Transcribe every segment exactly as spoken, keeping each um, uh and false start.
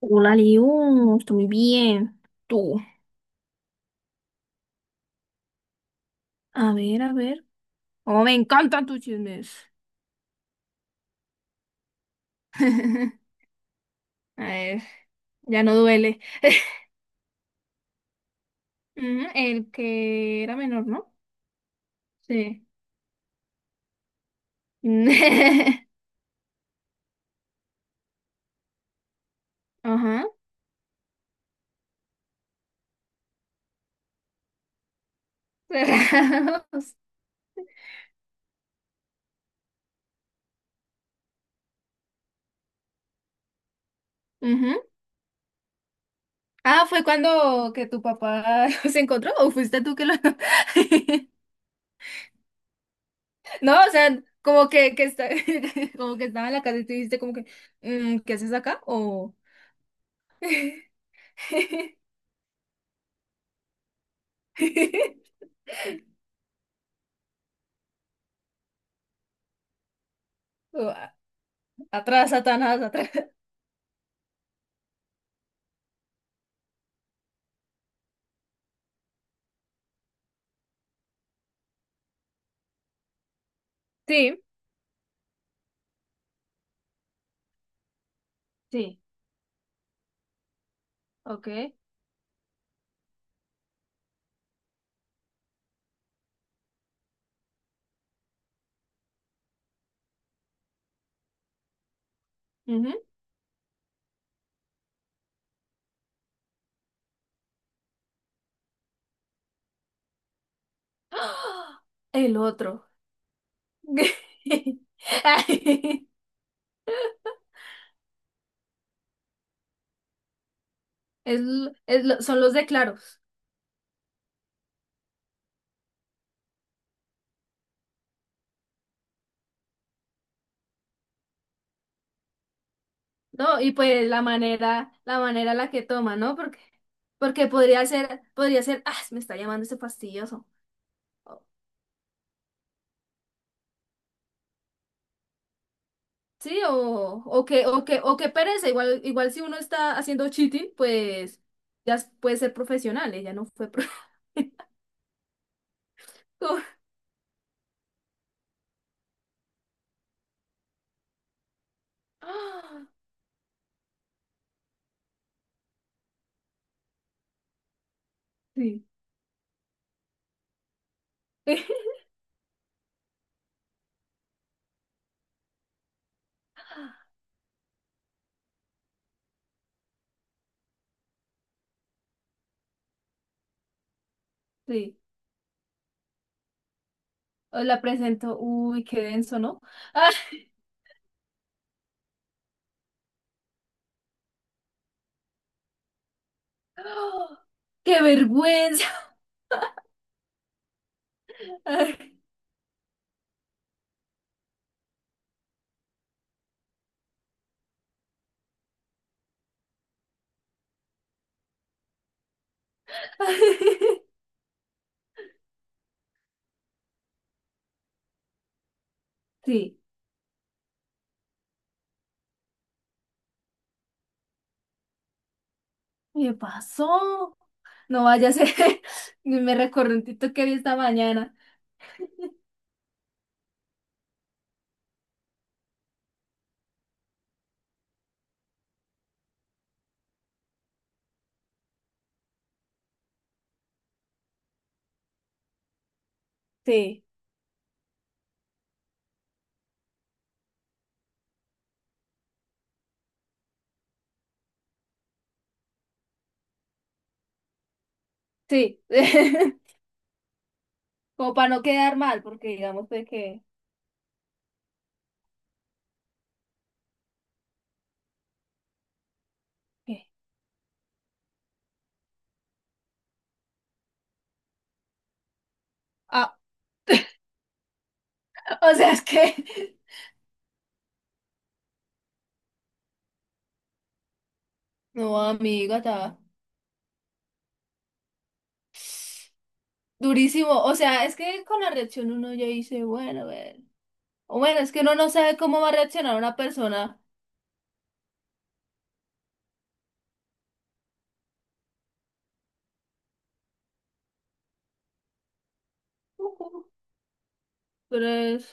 Hola, Liu, estoy muy bien. Tú. A ver, a ver. Oh, me encantan tus chismes. A ver, ya no duele. Ujú, el que era menor, ¿no? Sí. Ajá. Cerrados. Ujú. Ah, ¿fue cuando que tu papá los encontró o fuiste tú que lo? No, o sea, como que, que está. Como que estaba en la casa y tú dijiste como que, "Mm, ¿qué haces acá? O... o, "A- atrás, Satanás, atrás." Sí. Sí, ok. Ujú. ¡Ah! El otro. Ay. Es, l- es lo- son los de claros, ¿no? Y pues la manera, la manera en la que toma, ¿no? Porque, porque podría ser, podría ser, ah, me está llamando ese fastidioso. O- Sí, o, o que, o que, o que pereza. Igual, igual si uno está haciendo cheating, pues ya s- puede ser profesional, ella no fue pro- como- ¡Ah! Sí, sí. Os la presento. Uy, qué denso, ¿no? ¡Ah! ¡Oh! ¡Qué vergüenza! Sí, me pasó. No vaya a ser. Me recordé un TikTok que vi esta mañana. Sí, sí. Como para no quedar mal, porque digamos de que. que- Ah. O sea, es que. No, amiga, está durísimo. O sea, es que con la reacción uno ya dice, bueno, a ver. O bueno, es que uno no sabe cómo va a reaccionar una persona. Pero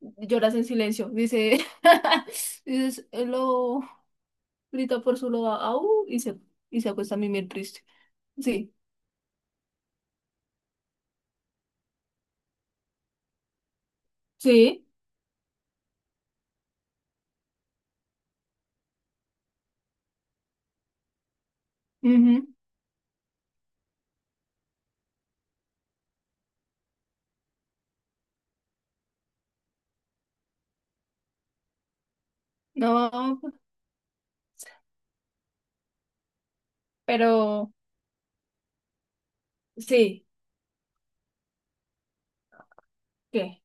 lloras en silencio, dice, dices, lo grita por su loba, au, y se, y se acuesta a mimir triste. Sí, sí, ujú. No, pero sí, ¿qué?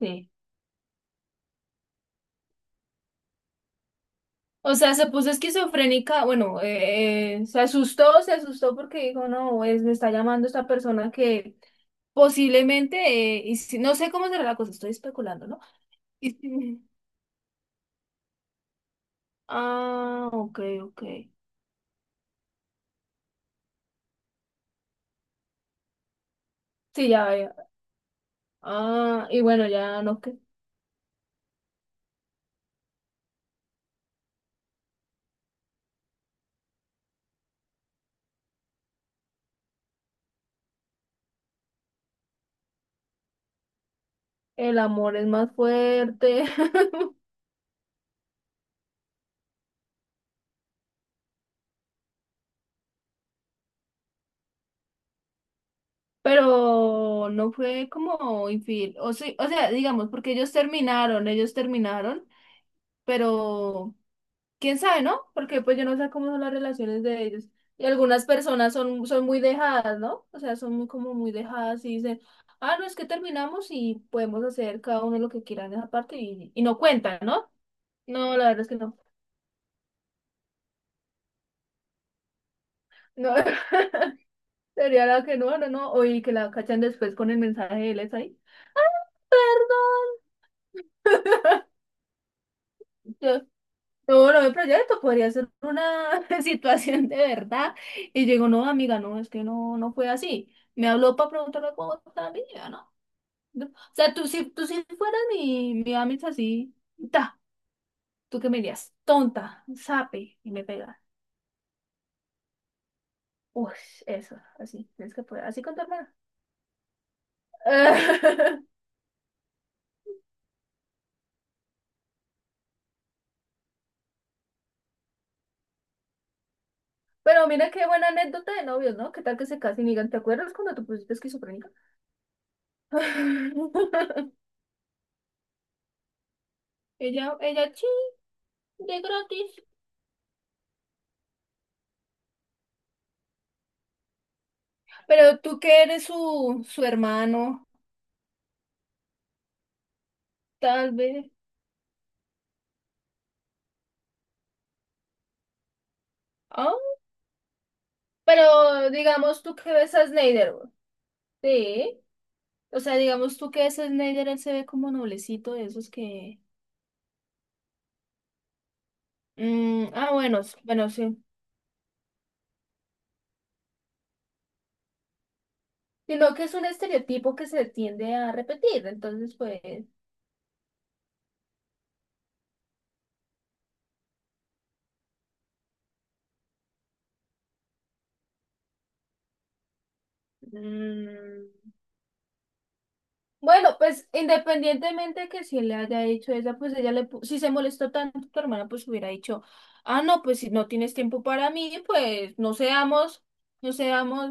Sí. O sea, se puso esquizofrénica, bueno, eh, eh, se asustó, se asustó porque dijo, no, es, me está llamando esta persona que posiblemente, eh, y si- no sé cómo será la cosa, estoy especulando, ¿no? Y si- ah, ok, ok. Sí, ya, ya. Ah, y bueno, ya no. El amor es más fuerte. Pero no fue como infiel. O sí, o sea, digamos, porque ellos terminaron, ellos terminaron, pero quién sabe, ¿no? Porque pues yo no sé cómo son las relaciones de ellos. Y algunas personas son, son muy dejadas, ¿no? O sea, son muy, como muy dejadas y dicen, ah, no, es que terminamos y podemos hacer cada uno lo que quiera en esa parte y, y no cuentan, ¿no? No, la verdad es que no. No, sería la que no, no, no. O y que la cachan después con el mensaje de él es ahí. Yo, yo lo de proyecto podría ser una situación de verdad. Y yo digo, no, amiga, no, es que no, no fue así. Me habló para preguntarle cómo estaba mi vida, ¿no? No. O sea, tú si, tú si fueras mi, mi amiga así, ta, tú qué me dirías, tonta, sape, y me pega. Uy, eso, así, tienes que poder, así con tu hermana. Pero mira qué buena anécdota de novios, ¿no? ¿Qué tal que se casen y digan, ¿te acuerdas cuando te pusiste esquizofrénica? Ella, ella, sí, de gratis. Pero tú que eres su, su hermano, tal vez. Ah. Pero digamos tú que ves a Snyder. Sí. O sea, digamos tú que ves a Snyder, él se ve como noblecito de esos que. Mm, ah, bueno, s- bueno, sí. Sino que es un estereotipo que se tiende a repetir. Entonces, pues. mm, Bueno, pues independientemente que si le haya hecho esa, pues ella le, pu- si se molestó tanto tu hermana, pues hubiera dicho, ah, no, pues si no tienes tiempo para mí, pues no seamos, no seamos.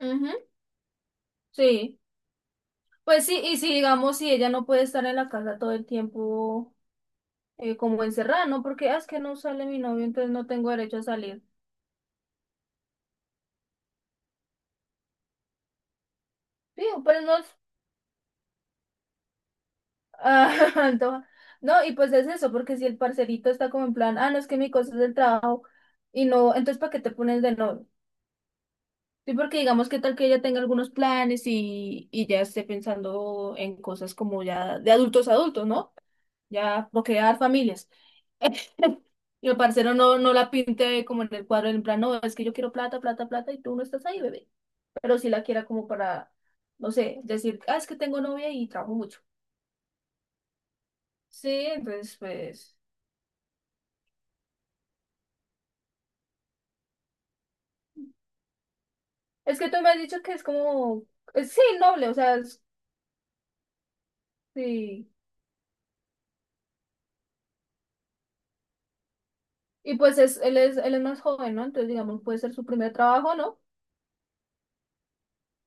Ujú, sí, pues sí, y si digamos, si ella no puede estar en la casa todo el tiempo eh, como encerrada, ¿no? Porque "Ah, es que no sale mi novio, entonces no tengo derecho a salir." Sí, pero no. Ah. Antoja. No, y pues es eso, porque si el parcerito está como en plan, ah, no, es que mi cosa es del trabajo. Y no, entonces, ¿para qué te pones de novio? Sí, porque digamos que tal que ella tenga algunos planes y, y ya esté pensando en cosas como ya de adultos a adultos, ¿no? Ya procrear familias. Y el parcero no, no la pinte como en el cuadro, en plan, no, es que yo quiero plata, plata, plata y tú no estás ahí, bebé. Pero sí la quiera como para, no sé, decir, ah, es que tengo novia y trabajo mucho. Sí, entonces, pues, es que tú me has dicho que es como, es- sí, noble, o sea, es- sí. Y pues es, él es, él es más joven, ¿no? Entonces, digamos, puede ser su primer trabajo, ¿no?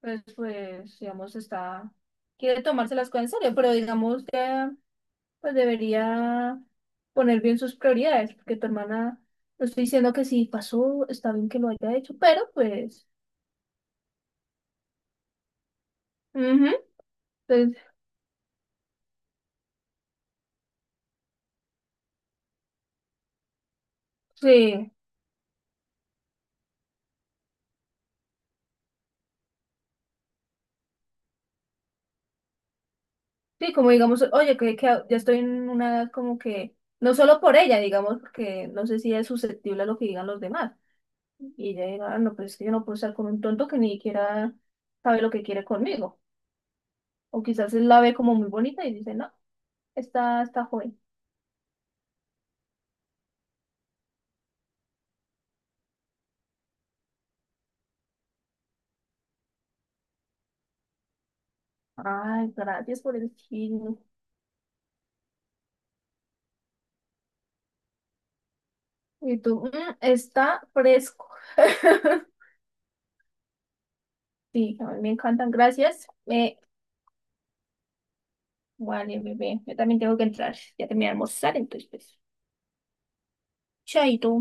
pues, pues, digamos, está, quiere tomarse las cosas en serio, pero digamos que, pues, debería poner bien sus prioridades, porque tu hermana, no estoy diciendo que si pasó, está bien que lo haya hecho, pero pues, ujú, pues, sí, sí, como digamos, oye, que, que ya estoy en una edad como que, no solo por ella, digamos, porque no sé si es susceptible a lo que digan los demás, y ella diga, "Ah, no, pues es que yo no puedo estar con un tonto que ni siquiera sabe lo que quiere conmigo," o quizás él la ve como muy bonita y dice, no. Está, está joven. Ay, gracias por el film. Y tú, mm, está fresco. Sí, a mí me encantan, gracias. Eh, vale, bebé, yo también tengo que entrar. Ya terminé de almorzar, entonces, pues, chaito.